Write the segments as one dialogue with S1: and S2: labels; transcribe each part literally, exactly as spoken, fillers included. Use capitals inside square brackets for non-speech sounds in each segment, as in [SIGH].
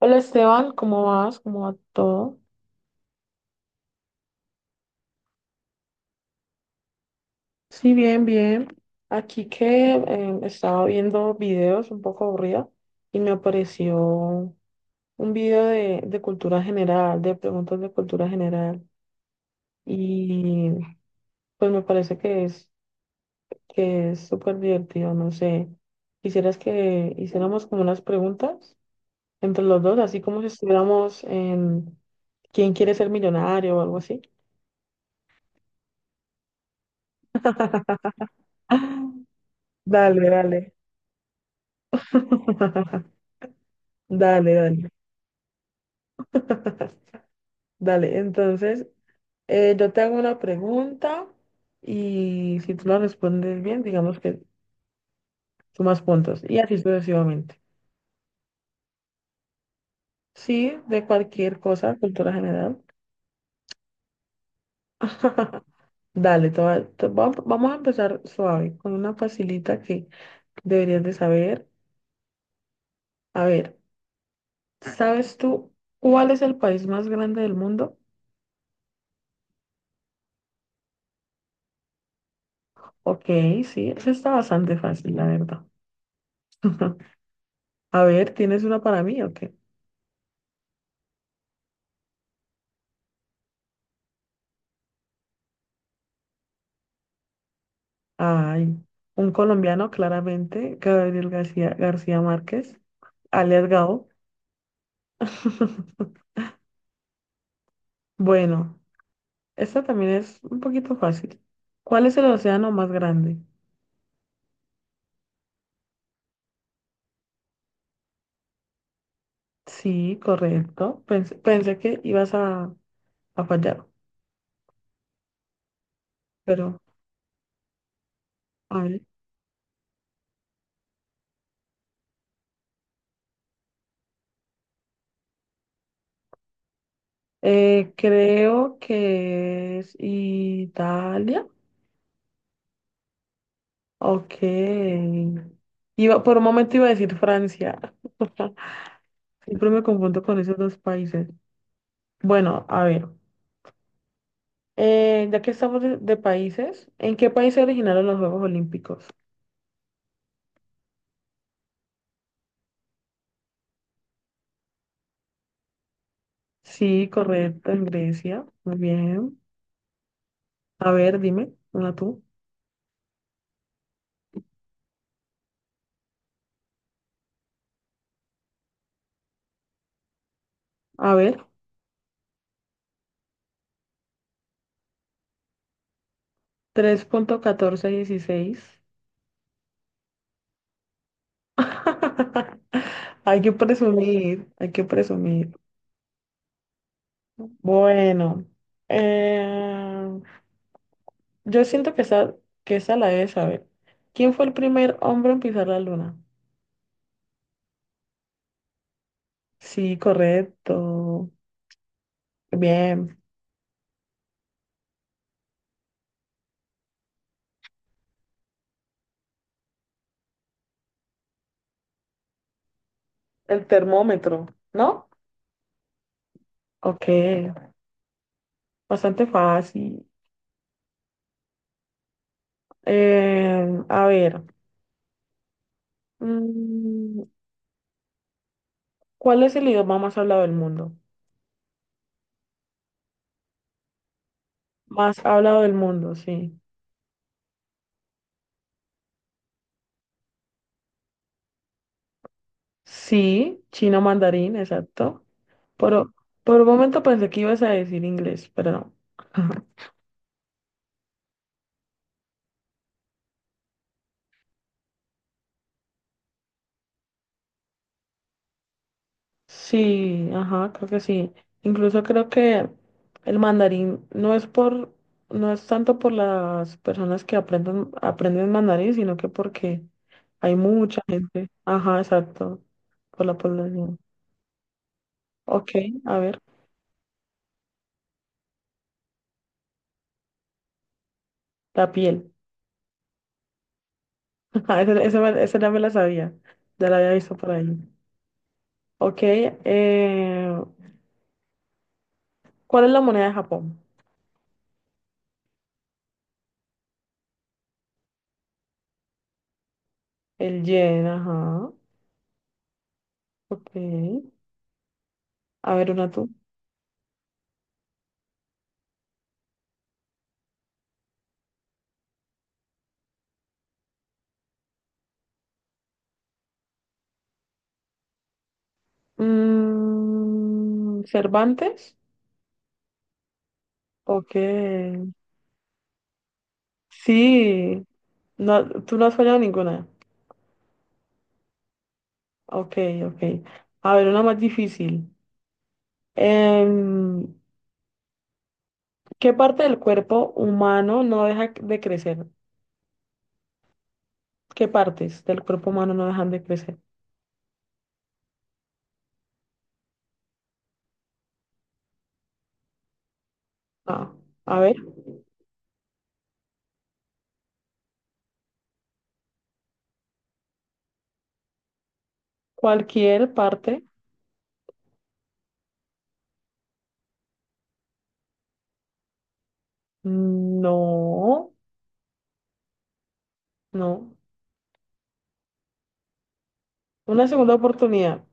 S1: Hola Esteban, ¿cómo vas? ¿Cómo va todo? Sí, bien, bien. Aquí que eh, estaba viendo videos un poco aburrida y me apareció un video de, de cultura general, de preguntas de cultura general. Y pues me parece que es que es súper divertido, no sé. ¿Quisieras que hiciéramos como unas preguntas entre los dos, así como si estuviéramos en ¿Quién quiere ser millonario o algo así? [LAUGHS] Dale, dale. [LAUGHS] Dale, dale. [LAUGHS] Dale, entonces eh, yo te hago una pregunta y si tú la respondes bien, digamos que sumas puntos y así sucesivamente. Sí, de cualquier cosa, cultura general. [LAUGHS] Dale, te va- te va- vamos a empezar suave con una facilita que deberías de saber. A ver, ¿sabes tú cuál es el país más grande del mundo? Ok, sí, eso está bastante fácil, la verdad. [LAUGHS] A ver, ¿tienes una para mí o qué? Ay, un colombiano, claramente, Gabriel García, García Márquez, alias Gabo. [LAUGHS] Bueno, esta también es un poquito fácil. ¿Cuál es el océano más grande? Sí, correcto. Pensé, pensé que ibas a, a fallar, pero a ver. Eh, creo que es Italia. Ok. Iba, por un momento iba a decir Francia. [LAUGHS] Siempre me confundo con esos dos países. Bueno, a ver. Eh, ya que estamos de, de países, ¿en qué país se originaron los Juegos Olímpicos? Sí, correcto, en Grecia. Muy bien. A ver, dime, una tú. A ver, tres punto catorce dieciséis. [LAUGHS] Hay que presumir, hay que presumir. Bueno, eh, yo siento que esa, que esa la debes saber. ¿Quién fue el primer hombre en pisar la luna? Sí, correcto. Bien. El termómetro, ¿no? Ok. Bastante fácil. Eh, a ver, mm, ¿cuál es el idioma más hablado del mundo? Más hablado del mundo, sí. Sí, chino mandarín, exacto. Pero por un momento pensé que ibas a decir inglés, pero no. [LAUGHS] Sí, ajá, creo que sí. Incluso creo que el mandarín no es por, no es tanto por las personas que aprenden, aprenden mandarín, sino que porque hay mucha gente. Ajá, exacto, por la población. Ok, a ver, la piel. [LAUGHS] Ajá, Esa, esa, me- esa ya me la sabía, ya la había visto por ahí. Ok, eh, ¿cuál es la moneda de Japón? El yen, ajá. Ok, a ver, una tú. Mm, Cervantes. Ok, sí, no, tú no has fallado ninguna. Ok, ok. A ver, una más difícil. Em, ¿qué parte del cuerpo humano no deja de crecer? ¿Qué partes del cuerpo humano no dejan de crecer? Ah, a ver, cualquier parte. No, no. Una segunda oportunidad.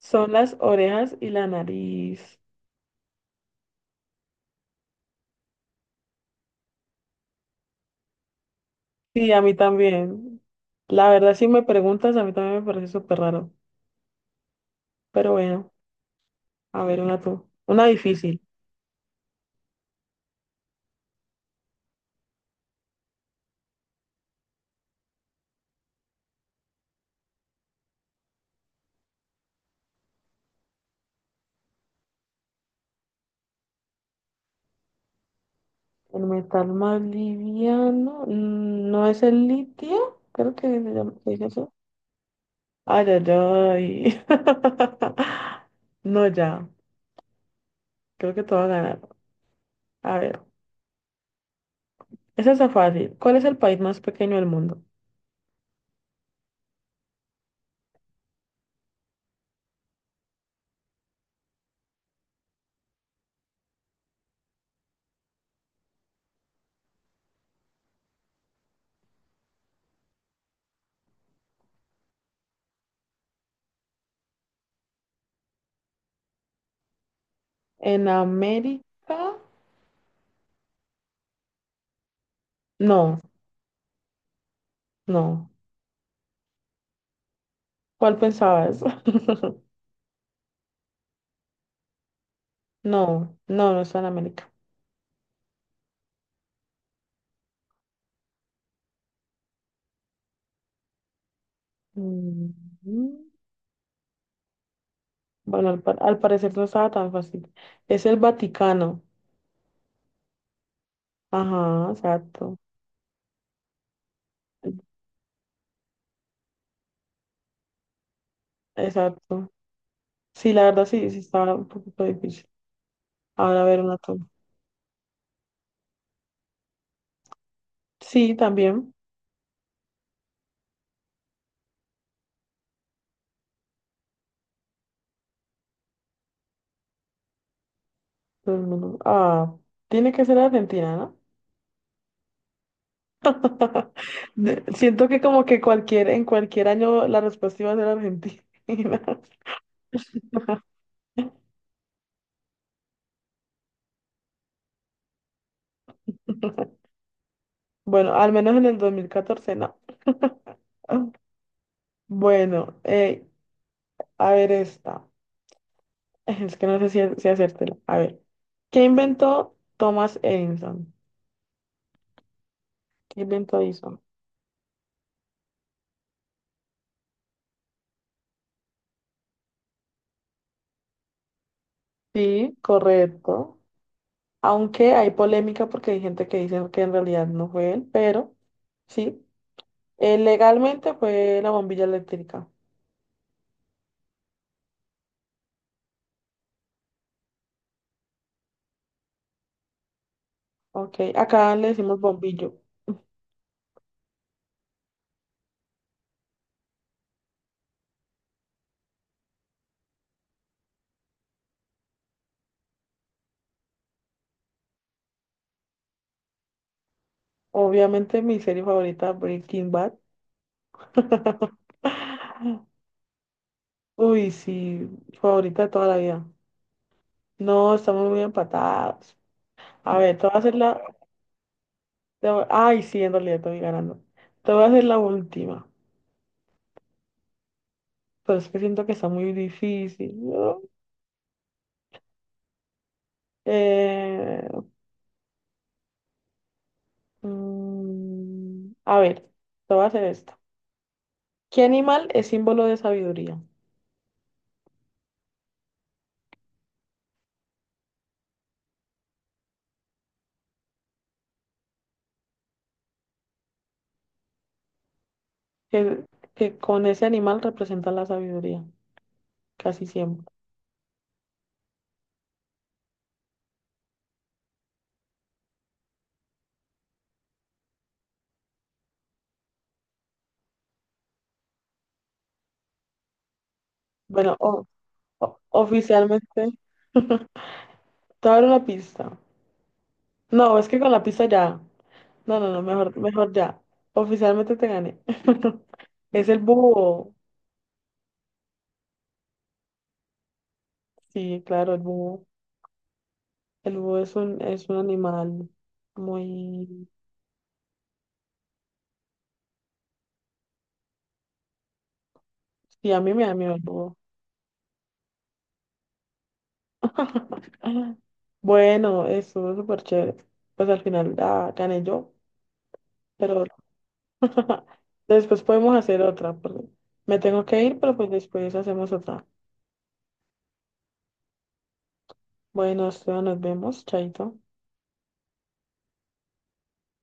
S1: Son las orejas y la nariz. Sí, a mí también. La verdad, si me preguntas, a mí también me parece súper raro. Pero bueno, a ver, una tú. Una difícil. El metal más liviano, mm, no, es el litio, creo que se llama, se dice eso. Ay, ay, ay. [LAUGHS] No, ya. Creo que te voy a ganar. A ver. Esa está fácil. ¿Cuál es el país más pequeño del mundo? ¿En América? No, no. ¿Cuál pensabas? [LAUGHS] No, no, no está en América. Mm, Bueno, al, pa- al parecer no estaba tan fácil. Es el Vaticano. Ajá, exacto. Exacto. Sí, la verdad sí, sí estaba un poquito difícil. Ahora a ver una toma. Sí, también. Todo el mundo- Ah, tiene que ser Argentina, ¿no? [LAUGHS] De- Siento que como que cualquier, en cualquier año la respuesta iba a ser Argentina. [LAUGHS] Bueno, al menos en el dos mil catorce, no. Ah, bueno, eh, a ver esta. Es que no sé si, si hacértela. A ver. ¿Qué inventó Thomas Edison? ¿Qué inventó Edison? Sí, correcto. Aunque hay polémica porque hay gente que dice que en realidad no fue él, pero sí. Eh, legalmente fue la bombilla eléctrica. Ok, acá le decimos bombillo. Obviamente mi serie favorita, Breaking Bad. [LAUGHS] Uy, sí, favorita de toda la vida. No, estamos muy empatados. A ver, te voy a hacer la... te voy- ay, sí, en realidad estoy ganando. Te voy a hacer la última. Pero es que siento que está muy difícil, ¿no? Eh, mm, a ver, te voy a hacer esto. ¿Qué animal es símbolo de sabiduría? Que, que con ese animal representa la sabiduría, casi siempre. Bueno, o- O- oficialmente. [LAUGHS] Te voy a dar una pista. No, es que con la pista ya. No, no, no, mejor, mejor ya. Oficialmente te gané. [LAUGHS] Es el búho. Sí, claro, el búho. El búho es un, es un animal muy... Sí, a mí me da miedo el búho. [LAUGHS] Bueno, estuvo súper chévere. Pues al final ah, gané yo, pero [LAUGHS] después podemos hacer otra, porque me tengo que ir, pero pues después hacemos otra. Bueno, Esteban, nos vemos, chaito.